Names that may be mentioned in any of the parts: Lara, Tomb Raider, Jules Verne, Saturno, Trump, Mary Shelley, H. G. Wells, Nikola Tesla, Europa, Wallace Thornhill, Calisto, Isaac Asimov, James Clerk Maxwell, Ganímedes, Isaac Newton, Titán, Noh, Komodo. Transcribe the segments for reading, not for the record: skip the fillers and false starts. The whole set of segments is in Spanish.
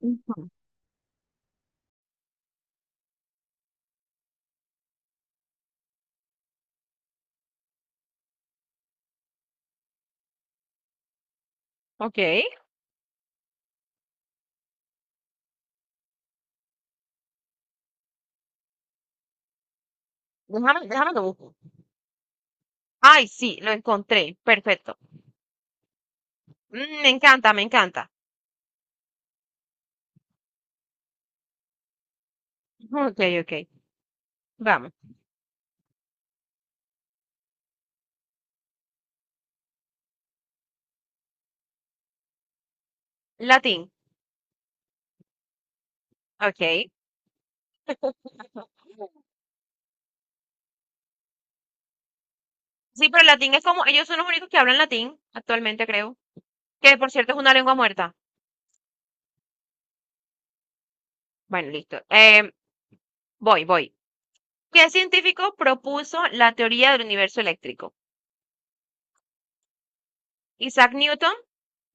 Ujú. Ok. Déjame lo busco. Ay, sí, lo encontré. Perfecto. Me encanta, me encanta. Ok, ok. Vamos. Latín. Ok. Sí, pero el latín es como, ellos son los únicos que hablan latín actualmente, creo. Que por cierto es una lengua muerta. Bueno, listo. Voy, voy. ¿Qué científico propuso la teoría del universo eléctrico? Isaac Newton,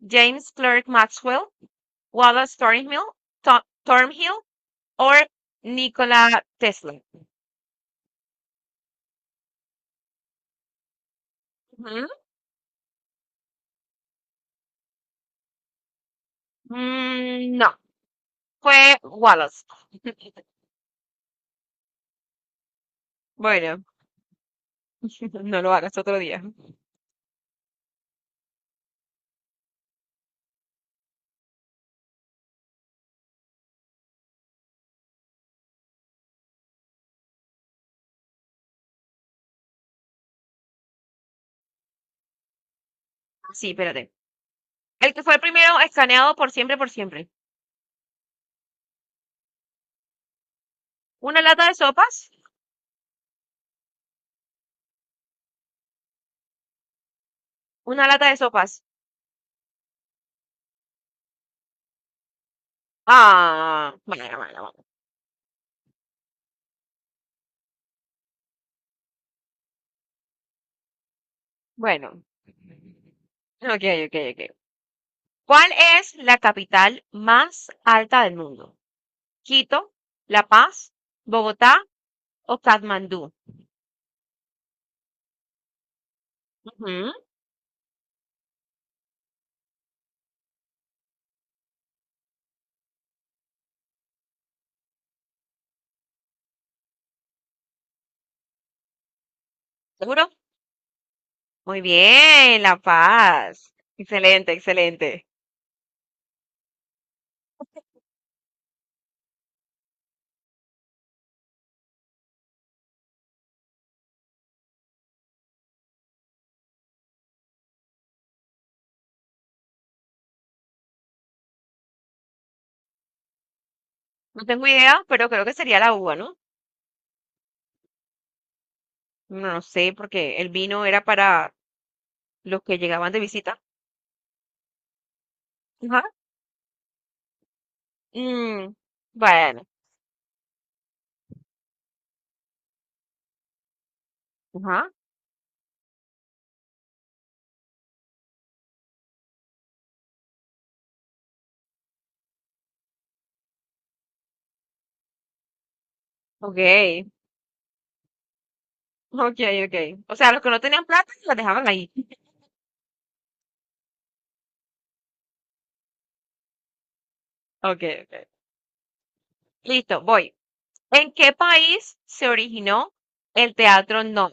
James Clerk Maxwell, Wallace Thornhill, Thornhill o Nikola Tesla. Ujú. Mm, no. Fue Wallace. Bueno, no lo hagas otro día. Sí, espérate. El que fue el primero escaneado por siempre, por siempre. Una lata de sopas. Una lata de sopas. Ah, bueno, bueno, bueno. Bueno. Ok, ok, ok. ¿Cuál es la capital más alta del mundo? Quito, La Paz, Bogotá o Katmandú. Ujú. ¿Seguro? Muy bien, La Paz. Excelente, excelente. No tengo idea, pero creo que sería la uva, ¿no? No sé, porque el vino era para los que llegaban de visita. Ajá. Mm, bueno, ajá. Ok, ok, ok. O sea, los que no tenían plata la dejaban ahí. Ok, ok. Listo, voy. ¿En qué país se originó el teatro No?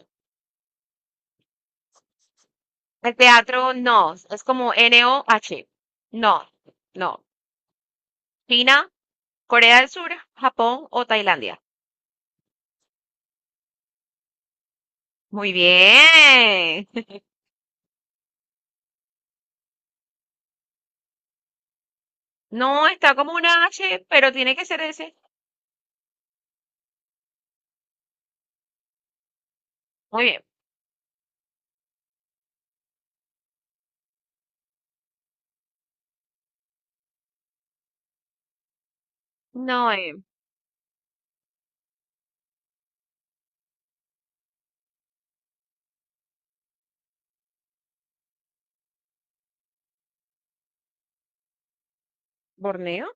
El teatro No es como NOH. No, no. China, Corea del Sur, Japón o Tailandia. Muy bien. No, está como una H, pero tiene que ser ese. Muy bien. No, Borneo.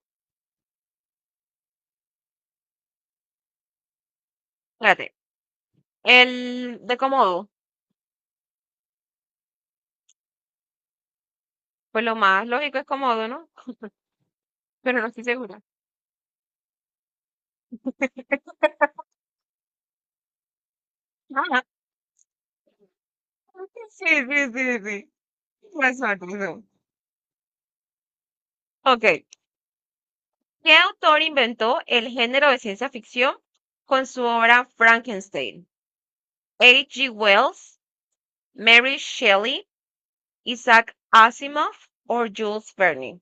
Espérate. El de Komodo. Pues lo más lógico es Komodo, ¿no? Pero no estoy segura. Sí, sí, sí, sí. Tienes razón, tienes razón. Ok. ¿Qué autor inventó el género de ciencia ficción con su obra Frankenstein? ¿H. G. Wells, Mary Shelley, Isaac Asimov o Jules Verne?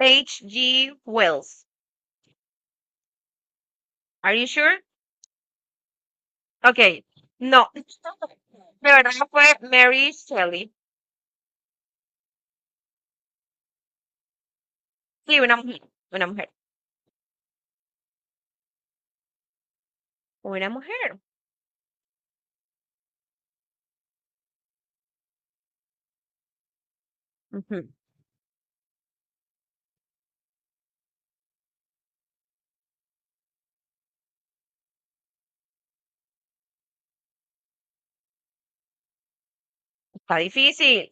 H. G. Wells. Are you sure? Ok. No. De verdad fue Mary Shelley. Sí, una mujer, una mujer, una mujer. Ujú. Está difícil.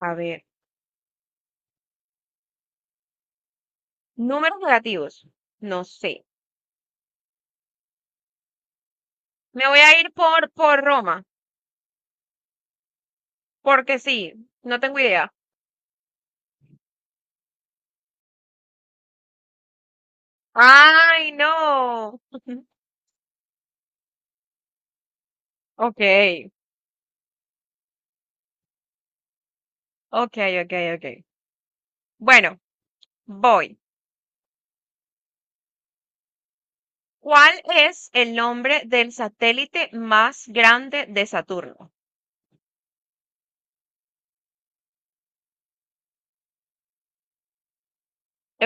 A ver, números negativos. No sé. Me voy a ir por Roma, porque sí, no tengo idea. Ay, no. Ok, ok, ok, ok. Bueno, voy. ¿Cuál es el nombre del satélite más grande de Saturno?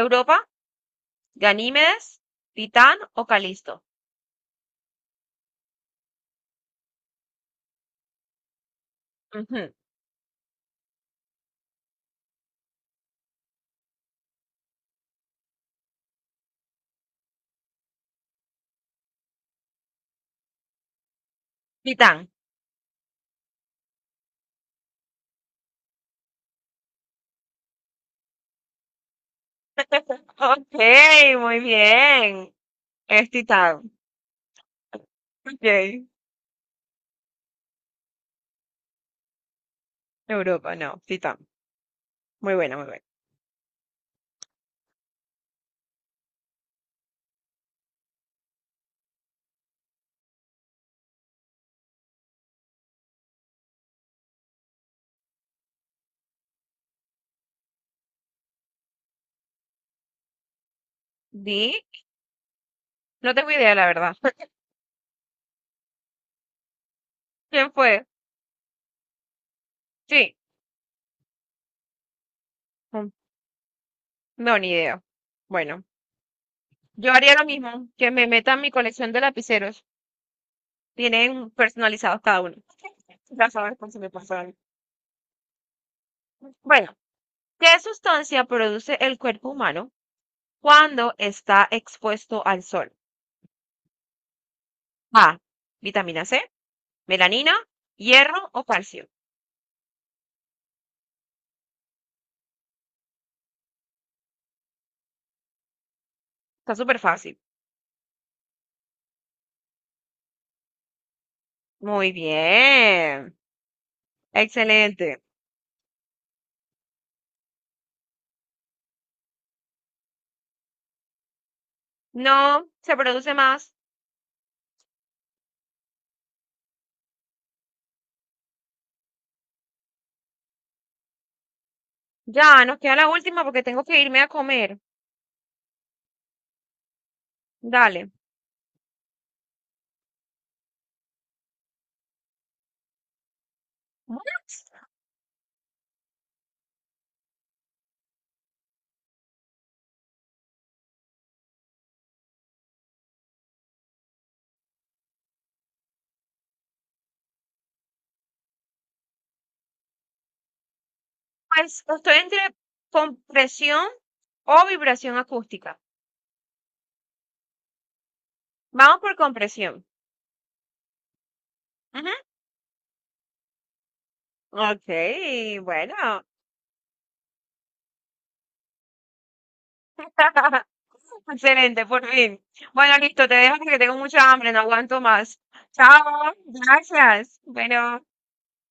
¿Europa? ¿Ganímedes? ¿Titán o Calisto? Ujú. Titán. Ok, muy bien. Es Titán. Ok. Europa, no. Titán. Muy buena, muy buena. Di. No tengo idea, la verdad. ¿Quién fue? Sí. Mm, no, ni idea. Bueno, yo haría lo mismo, que me meta en mi colección de lapiceros. Tienen personalizados cada uno. Ya sabes por si me pasa algo. Bueno, ¿qué sustancia produce el cuerpo humano cuando está expuesto al sol? A. Vitamina C, melanina, hierro o calcio. Está súper fácil. Muy bien. Excelente. No se produce más. Ya, nos queda la última porque tengo que irme a comer. Dale. Bueno, pues estoy entre compresión o vibración acústica. Vamos por compresión. Ujú. Ok, bueno. Excelente, por fin. Bueno, listo, te dejo porque tengo mucha hambre, no aguanto más. Chao, gracias. Bueno.